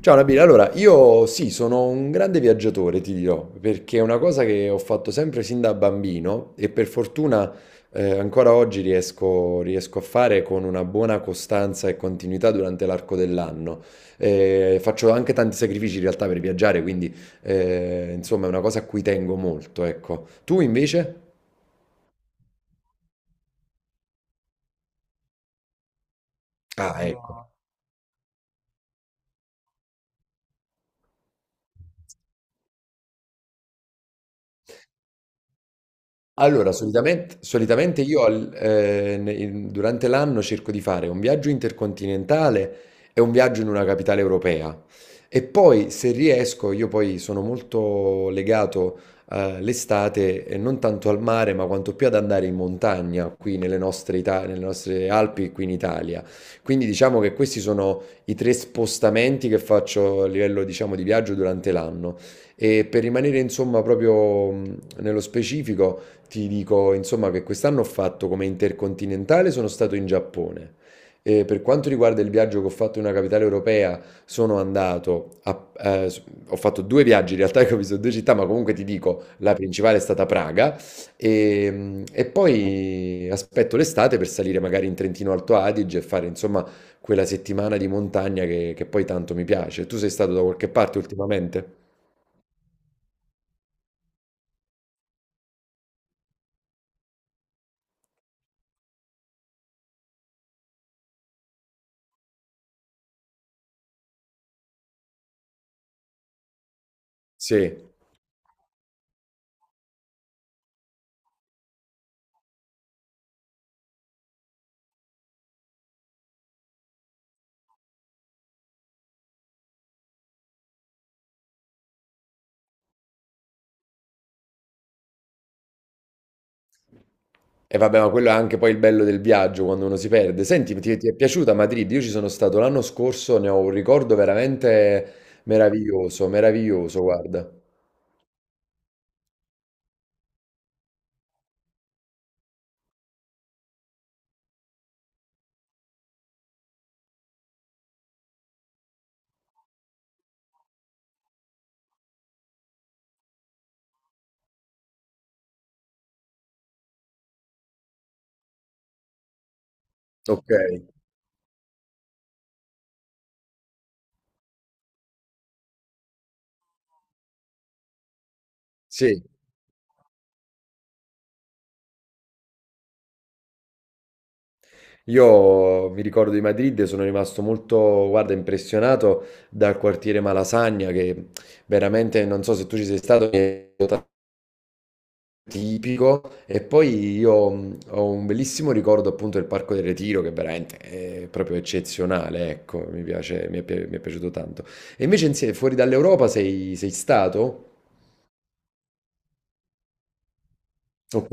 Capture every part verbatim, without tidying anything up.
Ciao Nabila, allora io sì, sono un grande viaggiatore, ti dirò, perché è una cosa che ho fatto sempre sin da bambino e per fortuna eh, ancora oggi riesco, riesco a fare con una buona costanza e continuità durante l'arco dell'anno. Eh, faccio anche tanti sacrifici in realtà per viaggiare, quindi eh, insomma è una cosa a cui tengo molto, ecco. Tu invece? Ah, ecco. Allora, solitamente, solitamente io al- eh, ne- in- durante l'anno cerco di fare un viaggio intercontinentale e un viaggio in una capitale europea. E poi, se riesco, io poi sono molto legato eh, all'estate, e non tanto al mare, ma quanto più ad andare in montagna, qui nelle nostre, Ita- nelle nostre Alpi, qui in Italia. Quindi diciamo che questi sono i tre spostamenti che faccio a livello, diciamo, di viaggio durante l'anno. E per rimanere, insomma, proprio mh, nello specifico. Ti dico, insomma, che quest'anno ho fatto come intercontinentale, sono stato in Giappone. E per quanto riguarda il viaggio che ho fatto in una capitale europea, sono andato a, eh, s- ho fatto due viaggi in realtà che ho visto due città, ma comunque ti dico, la principale è stata Praga e, mm, e poi aspetto l'estate per salire magari in Trentino Alto Adige e fare insomma quella settimana di montagna che, che poi tanto mi piace. Tu sei stato da qualche parte ultimamente? Sì. E vabbè, ma quello è anche poi il bello del viaggio quando uno si perde. Senti, ti, ti è piaciuta Madrid? Io ci sono stato l'anno scorso, ne ho un ricordo veramente meraviglioso, meraviglioso, guarda. Ok, sì. Io mi ricordo di Madrid, e sono rimasto molto, guarda, impressionato dal quartiere Malasagna, che veramente, non so se tu ci sei stato, mi è tipico. E poi io mh, ho un bellissimo ricordo appunto del Parco del Retiro, che veramente è proprio eccezionale, ecco, mi piace, mi è, pi- mi è piaciuto tanto. E invece insie- fuori dall'Europa sei, sei stato? Ok.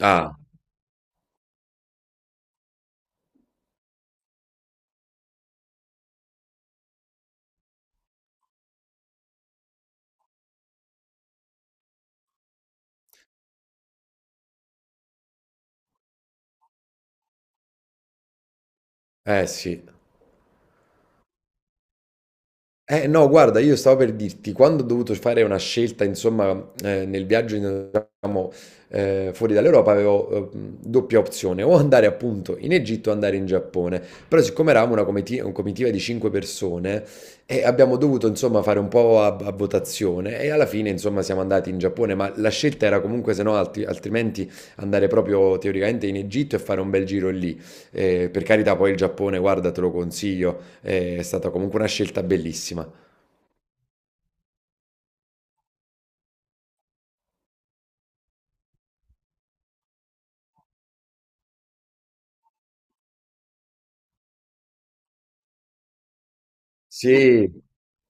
Ah, eh sì. Eh no, guarda, io stavo per dirti, quando ho dovuto fare una scelta, insomma, eh, nel viaggio, in- diciamo, eh, fuori dall'Europa, avevo eh, mh, doppia opzione, o andare appunto in Egitto o andare in Giappone. Però siccome eravamo una comiti- una comitiva di cinque persone, eh, abbiamo dovuto, insomma, fare un po' a, a votazione e alla fine, insomma, siamo andati in Giappone, ma la scelta era comunque, se no, altri- altrimenti andare proprio teoricamente in Egitto e fare un bel giro lì. Eh, per carità, poi il Giappone, guarda, te lo consiglio, è stata comunque una scelta bellissima. Sì,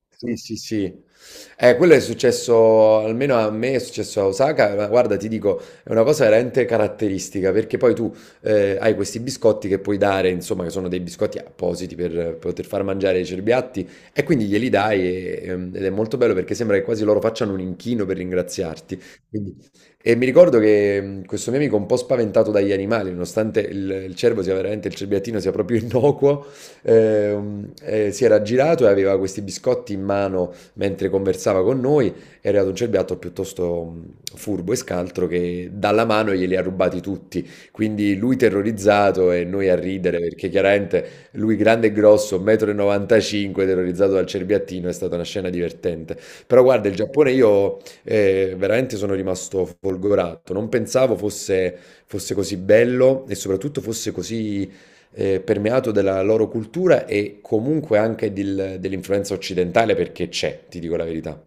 sì, sì, sì. Eh, quello è successo, almeno a me è successo a Osaka, ma guarda, ti dico, è una cosa veramente caratteristica, perché poi tu eh, hai questi biscotti che puoi dare, insomma, che sono dei biscotti appositi per poter far mangiare ai cerbiatti, e quindi glieli dai e- ehm, ed è molto bello perché sembra che quasi loro facciano un inchino per ringraziarti. Quindi- E mi ricordo che mh, questo mio amico un po' spaventato dagli animali, nonostante il, il cervo sia veramente, il cerbiattino sia proprio innocuo, eh, eh, si era girato e aveva questi biscotti in mano mentre conversava con noi. È arrivato un cerbiatto piuttosto mh, furbo e scaltro che dalla mano glieli ha rubati tutti. Quindi lui terrorizzato e noi a ridere perché chiaramente lui grande e grosso, un metro e novantacinque m, terrorizzato dal cerbiattino, è stata una scena divertente. Però guarda, il Giappone io eh, veramente sono rimasto folgorato, non pensavo fosse, fosse così bello e soprattutto fosse così eh, permeato della loro cultura e comunque anche del- dell'influenza occidentale perché c'è, ti dico la verità.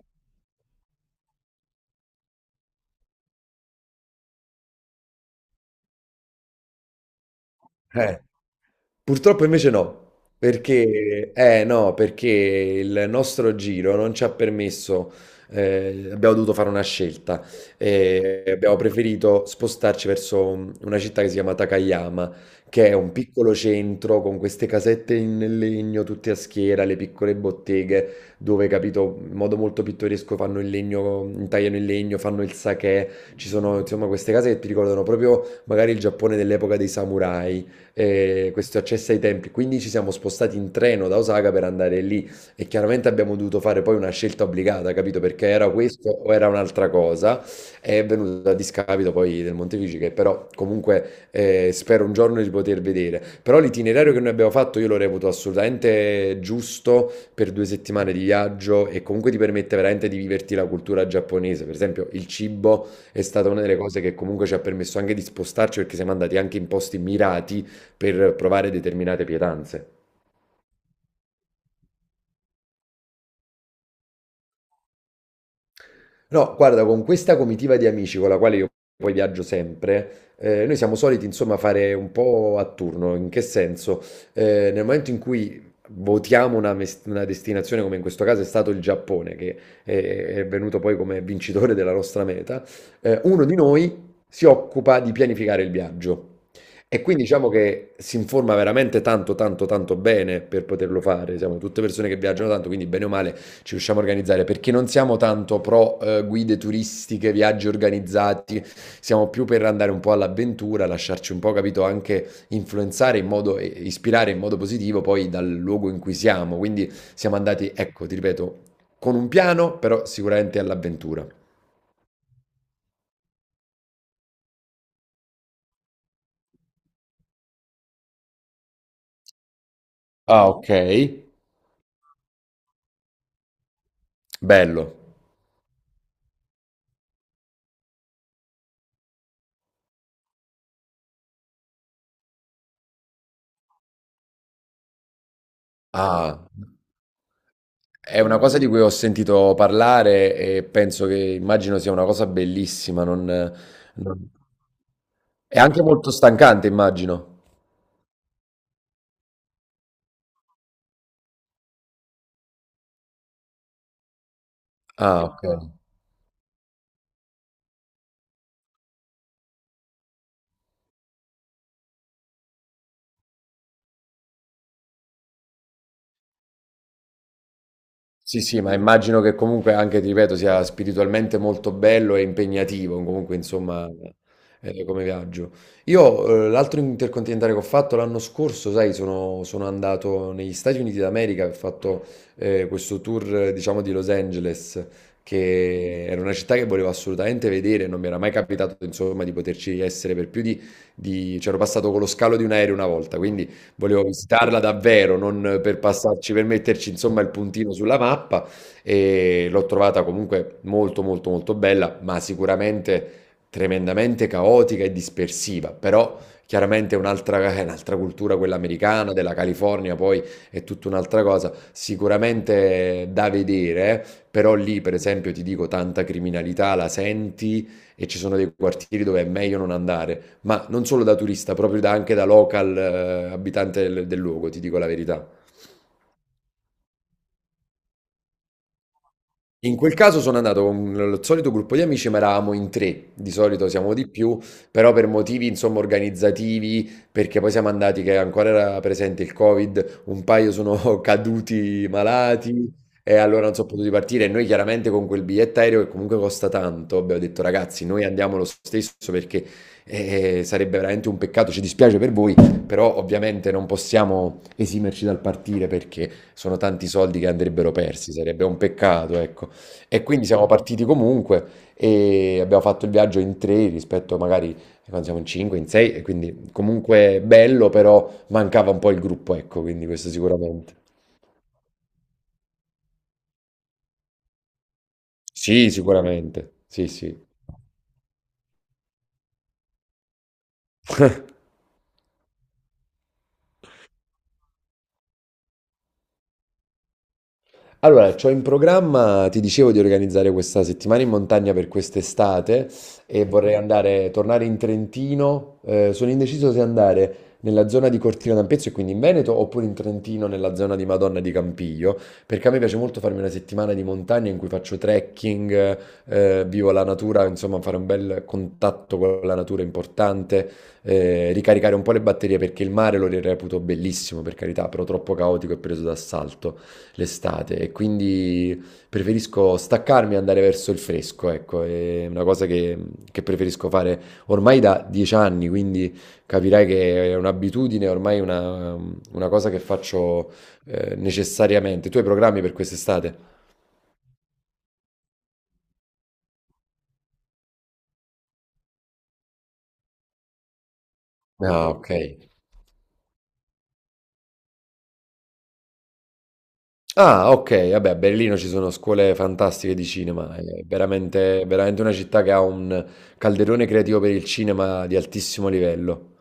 Purtroppo invece no, perché, eh, no, perché il nostro giro non ci ha permesso, eh, abbiamo dovuto fare una scelta, eh, abbiamo preferito spostarci verso un- una città che si chiama Takayama, che è un piccolo centro con queste casette in legno, tutte a schiera, le piccole botteghe, dove, capito, in modo molto pittoresco fanno il legno, intagliano il legno, fanno il sake, ci sono insomma queste case che ti ricordano proprio magari il Giappone dell'epoca dei samurai, eh, questo accesso ai tempi. Quindi ci siamo spostati in treno da Osaka per andare lì e chiaramente abbiamo dovuto fare poi una scelta obbligata, capito? Perché era questo o era un'altra cosa. È venuto a discapito poi del Montefici, che però comunque eh, spero un giorno di poter vedere. Però l'itinerario che noi abbiamo fatto io lo reputo assolutamente giusto per due settimane di viaggio e comunque ti permette veramente di viverti la cultura giapponese. Per esempio, il cibo è stata una delle cose che comunque ci ha permesso anche di spostarci perché siamo andati anche in posti mirati per provare determinate pietanze. No, guarda, con questa comitiva di amici con la quale io poi viaggio sempre, eh, noi siamo soliti insomma fare un po' a turno. In che senso? Eh, nel momento in cui votiamo una, mes- una destinazione, come in questo caso è stato il Giappone, che è, è venuto poi come vincitore della nostra meta, eh, uno di noi si occupa di pianificare il viaggio. E quindi diciamo che si informa veramente tanto, tanto, tanto bene per poterlo fare. Siamo tutte persone che viaggiano tanto, quindi bene o male ci riusciamo a organizzare perché non siamo tanto pro eh, guide turistiche, viaggi organizzati, siamo più per andare un po' all'avventura, lasciarci un po', capito, anche influenzare in modo, e ispirare in modo positivo poi dal luogo in cui siamo. Quindi siamo andati, ecco, ti ripeto, con un piano, però sicuramente all'avventura. Ah, ok. Bello. Ah. È una cosa di cui ho sentito parlare e penso che immagino sia una cosa bellissima, non, non- È anche molto stancante, immagino. Ah, ok. Sì, sì, ma immagino che comunque anche, ti ripeto, sia spiritualmente molto bello e impegnativo, comunque insomma, eh, come viaggio. Io eh, l'altro intercontinentale che ho fatto l'anno scorso, sai, sono, sono andato negli Stati Uniti d'America, ho fatto eh, questo tour, eh, diciamo, di Los Angeles, che era una città che volevo assolutamente vedere, non mi era mai capitato, insomma, di poterci essere per più di... di... C'ero passato con lo scalo di un aereo una volta, quindi volevo visitarla davvero, non per passarci, per metterci insomma il puntino sulla mappa e l'ho trovata comunque molto molto molto bella, ma sicuramente tremendamente caotica e dispersiva, però chiaramente è un'altra è un'altra cultura quella americana, della California, poi è tutta un'altra cosa, sicuramente da vedere, eh. Però lì per esempio ti dico tanta criminalità, la senti e ci sono dei quartieri dove è meglio non andare, ma non solo da turista, proprio da- anche da local, eh, abitante del, del luogo, ti dico la verità. In quel caso sono andato con lo solito gruppo di amici, ma eravamo in tre, di solito siamo di più, però per motivi insomma organizzativi, perché poi siamo andati che ancora era presente il Covid, un paio sono caduti malati e allora non sono potuti partire e noi chiaramente con quel biglietto aereo che comunque costa tanto, abbiamo detto ragazzi, noi andiamo lo stesso perché eh, sarebbe veramente un peccato, ci dispiace per voi, però ovviamente non possiamo esimerci dal partire perché sono tanti soldi che andrebbero persi, sarebbe un peccato, ecco. E quindi siamo partiti comunque e abbiamo fatto il viaggio in tre rispetto magari quando siamo in cinque, in sei, e quindi comunque bello, però mancava un po' il gruppo, ecco, quindi questo sicuramente. Sì, sicuramente. Sì, sì. Allora, c'ho in programma, ti dicevo di organizzare questa settimana in montagna per quest'estate e vorrei Mhm. andare, tornare in Trentino. Eh, sono indeciso se andare nella zona di Cortina d'Ampezzo e quindi in Veneto oppure in Trentino nella zona di Madonna di Campiglio, perché a me piace molto farmi una settimana di montagna in cui faccio trekking, eh, vivo la natura, insomma fare un bel contatto con la natura è importante, eh, ricaricare un po' le batterie perché il mare lo reputo bellissimo, per carità, però troppo caotico e preso d'assalto l'estate e quindi preferisco staccarmi e andare verso il fresco, ecco, è una cosa che, che preferisco fare ormai da dieci anni, quindi capirai che è un'abitudine, ormai una, una cosa che faccio eh, necessariamente. Tu hai programmi per quest'estate? Ah, ok. Ah, ok, vabbè, a Berlino ci sono scuole fantastiche di cinema, è veramente, veramente una città che ha un calderone creativo per il cinema di altissimo livello.